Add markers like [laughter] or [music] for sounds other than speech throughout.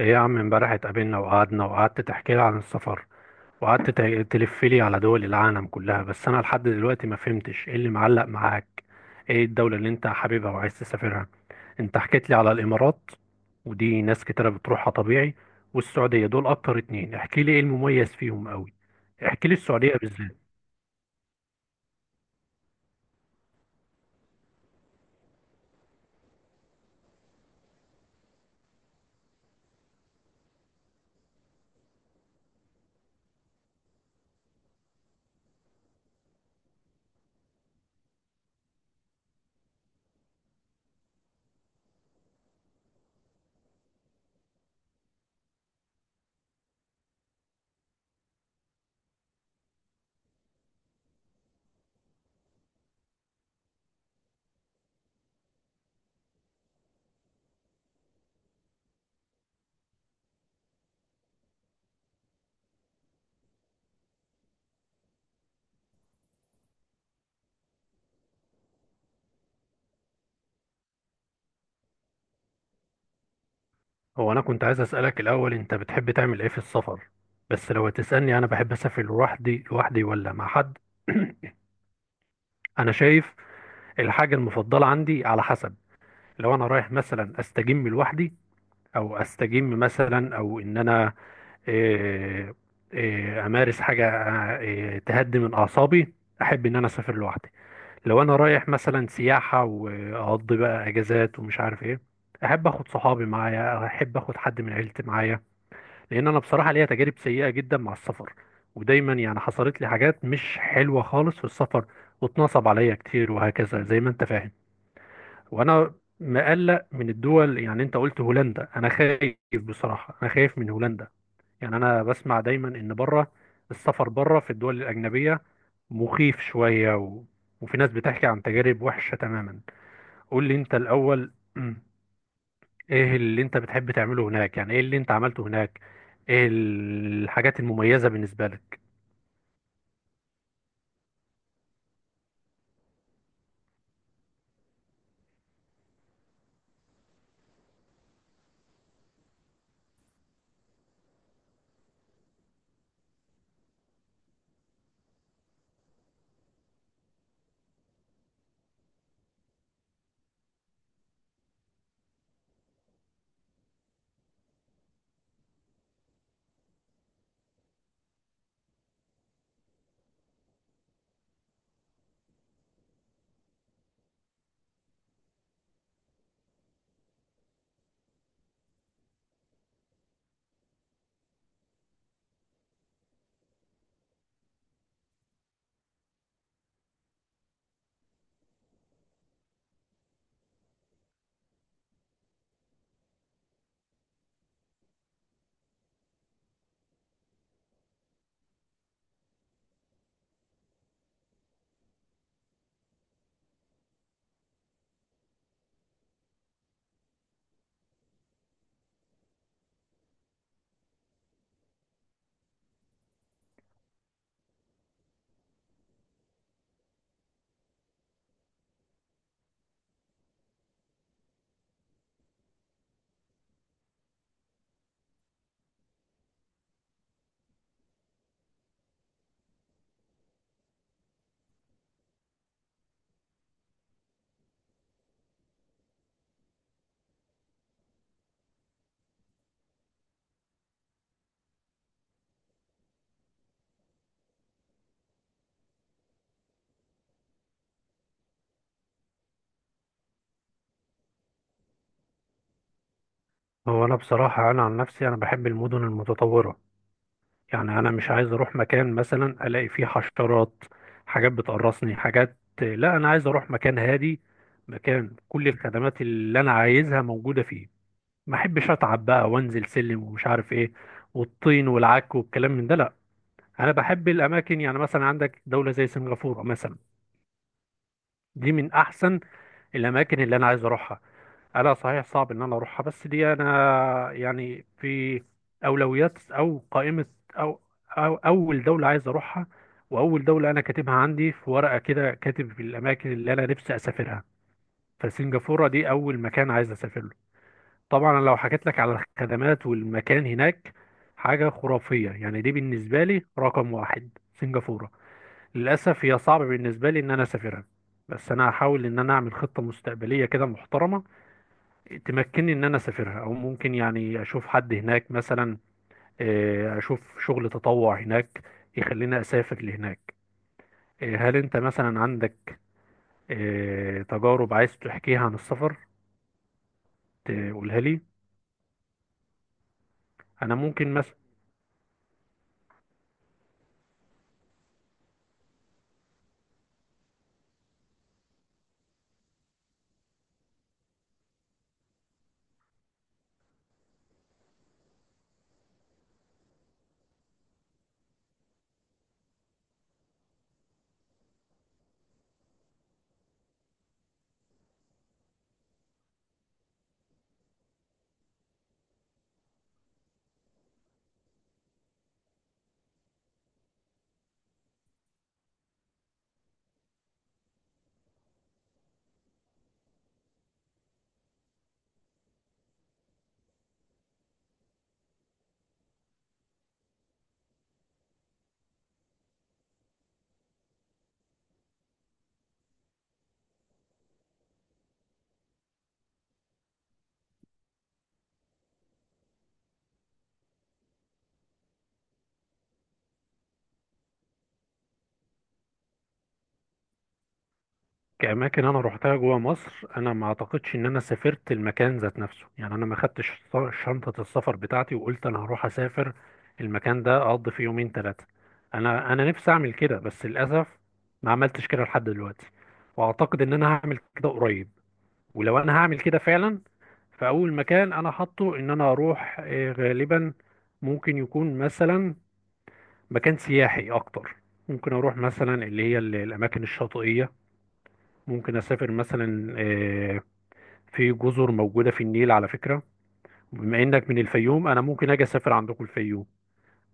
ايه يا عم امبارح اتقابلنا وقعدنا وقعدت تحكي لي عن السفر، وقعدت تلف لي على دول العالم كلها، بس انا لحد دلوقتي ما فهمتش ايه اللي معلق معاك. ايه الدولة اللي انت حاببها وعايز تسافرها؟ انت حكيت لي على الامارات، ودي ناس كتيرة بتروحها طبيعي، والسعودية. دول اكتر اتنين، احكي لي ايه المميز فيهم قوي. احكي لي السعودية بالذات. هو انا كنت عايز اسألك الاول، انت بتحب تعمل ايه في السفر؟ بس لو هتسألني انا بحب اسافر لوحدي لوحدي ولا مع حد. [clears throat] انا شايف الحاجة المفضلة عندي على حسب. لو أنا رايح مثلا أستجم لوحدي، أو أستجم مثلا، أو إن أنا آه، أمارس حاجة تهدي من أعصابي، أحب إن أنا أسافر لوحدي. لو أنا رايح مثلا سياحة وأقضي بقى أجازات ومش عارف إيه، أحب أخد صحابي معايا، أحب أخد حد من عيلتي معايا. لان انا بصراحه ليا تجارب سيئه جدا مع السفر، ودايما يعني حصلت لي حاجات مش حلوه خالص في السفر، واتنصب عليا كتير وهكذا زي ما انت فاهم. وانا مقلق من الدول. يعني انت قلت هولندا، انا خايف، بصراحه انا خايف من هولندا. يعني انا بسمع دايما ان بره، السفر بره في الدول الاجنبيه، مخيف شويه وفي ناس بتحكي عن تجارب وحشه تماما. قول لي انت الاول، [clears throat] ايه اللي انت بتحب تعمله هناك، يعني ايه اللي انت عملته هناك؟ ايه الحاجات المميزة بالنسبة لك؟ هو انا بصراحة انا عن نفسي انا بحب المدن المتطورة. يعني انا مش عايز اروح مكان مثلا الاقي فيه حشرات، حاجات بتقرصني حاجات، لا انا عايز اروح مكان هادي، مكان كل الخدمات اللي انا عايزها موجودة فيه. ما احبش اتعب بقى وانزل سلم ومش عارف ايه، والطين والعك والكلام من ده، لا. انا بحب الاماكن، يعني مثلا عندك دولة زي سنغافورة مثلا، دي من احسن الاماكن اللي انا عايز اروحها. انا صحيح صعب ان انا اروحها، بس دي انا يعني في اولويات او قائمة او, أو اول دولة عايز اروحها. واول دولة انا كاتبها عندي في ورقة كده، كاتب في الاماكن اللي انا نفسي اسافرها فسنغافورة دي اول مكان عايز اسافر له. طبعا أنا لو حكيت لك على الخدمات والمكان هناك، حاجة خرافية. يعني دي بالنسبة لي رقم واحد سنغافورة. للأسف هي صعب بالنسبة لي إن أنا أسافرها، بس أنا هحاول إن أنا أعمل خطة مستقبلية كده محترمة تمكنني إن أنا أسافرها، أو ممكن يعني أشوف حد هناك مثلا، أشوف شغل تطوع هناك يخليني أسافر لهناك. هل أنت مثلا عندك تجارب عايز تحكيها عن السفر تقولها لي؟ أنا ممكن كأماكن أنا روحتها جوا مصر، أنا ما أعتقدش إن أنا سافرت المكان ذات نفسه. يعني أنا ما خدتش شنطة السفر بتاعتي وقلت أنا هروح أسافر المكان ده أقضي فيه يومين ثلاثة. أنا نفسي أعمل كده، بس للأسف ما عملتش كده لحد دلوقتي، وأعتقد إن أنا هعمل كده قريب. ولو أنا هعمل كده فعلا، فأول مكان أنا حاطه إن أنا أروح غالبا ممكن يكون مثلا مكان سياحي أكتر. ممكن أروح مثلا اللي هي الأماكن الشاطئية، ممكن اسافر مثلا، في جزر موجودة في النيل على فكرة. بما انك من الفيوم انا ممكن اجي اسافر عندكم الفيوم،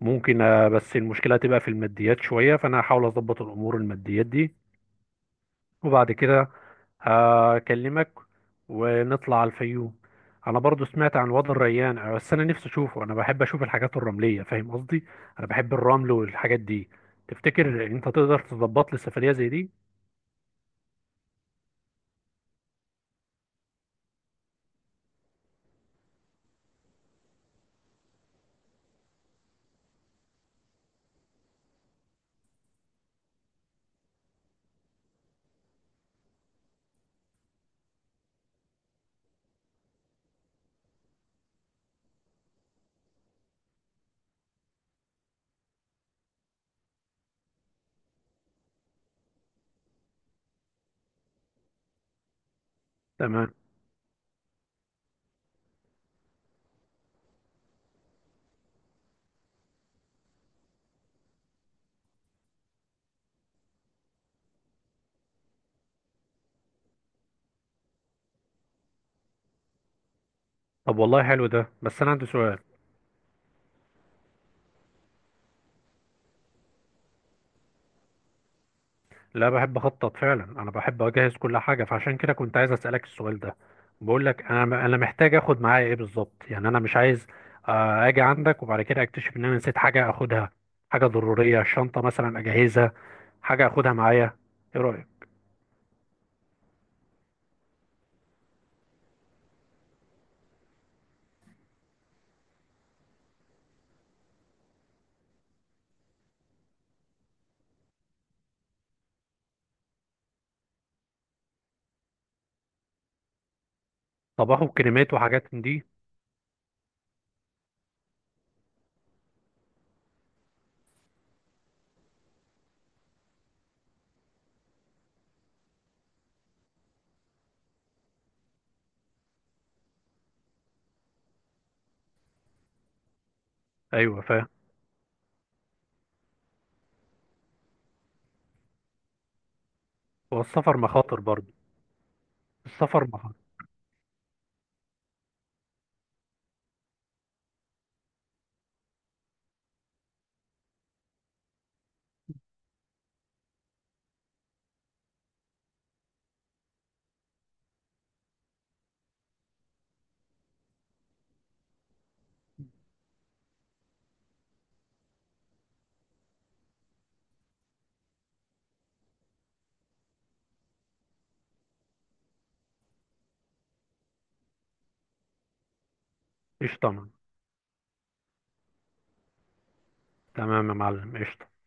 ممكن. بس المشكلة هتبقى في الماديات شوية، فانا هحاول اظبط الامور الماديات دي، وبعد كده هكلمك ونطلع على الفيوم. انا برضو سمعت عن وادي الريان، بس انا نفسي اشوفه، انا بحب اشوف الحاجات الرملية، فاهم قصدي؟ انا بحب الرمل والحاجات دي. تفتكر انت تقدر تظبط لي سفرية زي دي؟ تمام. طب والله حلو ده، بس انا عندي سؤال. لا بحب اخطط فعلا، انا بحب اجهز كل حاجه، فعشان كده كنت عايز اسالك السؤال ده. بقول لك انا محتاج اخد معايا ايه بالظبط؟ يعني انا مش عايز اجي عندك وبعد كده اكتشف ان انا نسيت حاجه اخدها، حاجه ضروريه. شنطه مثلا اجهزها، حاجه اخدها معايا، ايه رايك؟ طب اخد كريمات وحاجات من دي؟ ايوه فاهم. والسفر مخاطر برضه، السفر مخاطر. قشطه يا معلم. تمام يا معلم، قشطه.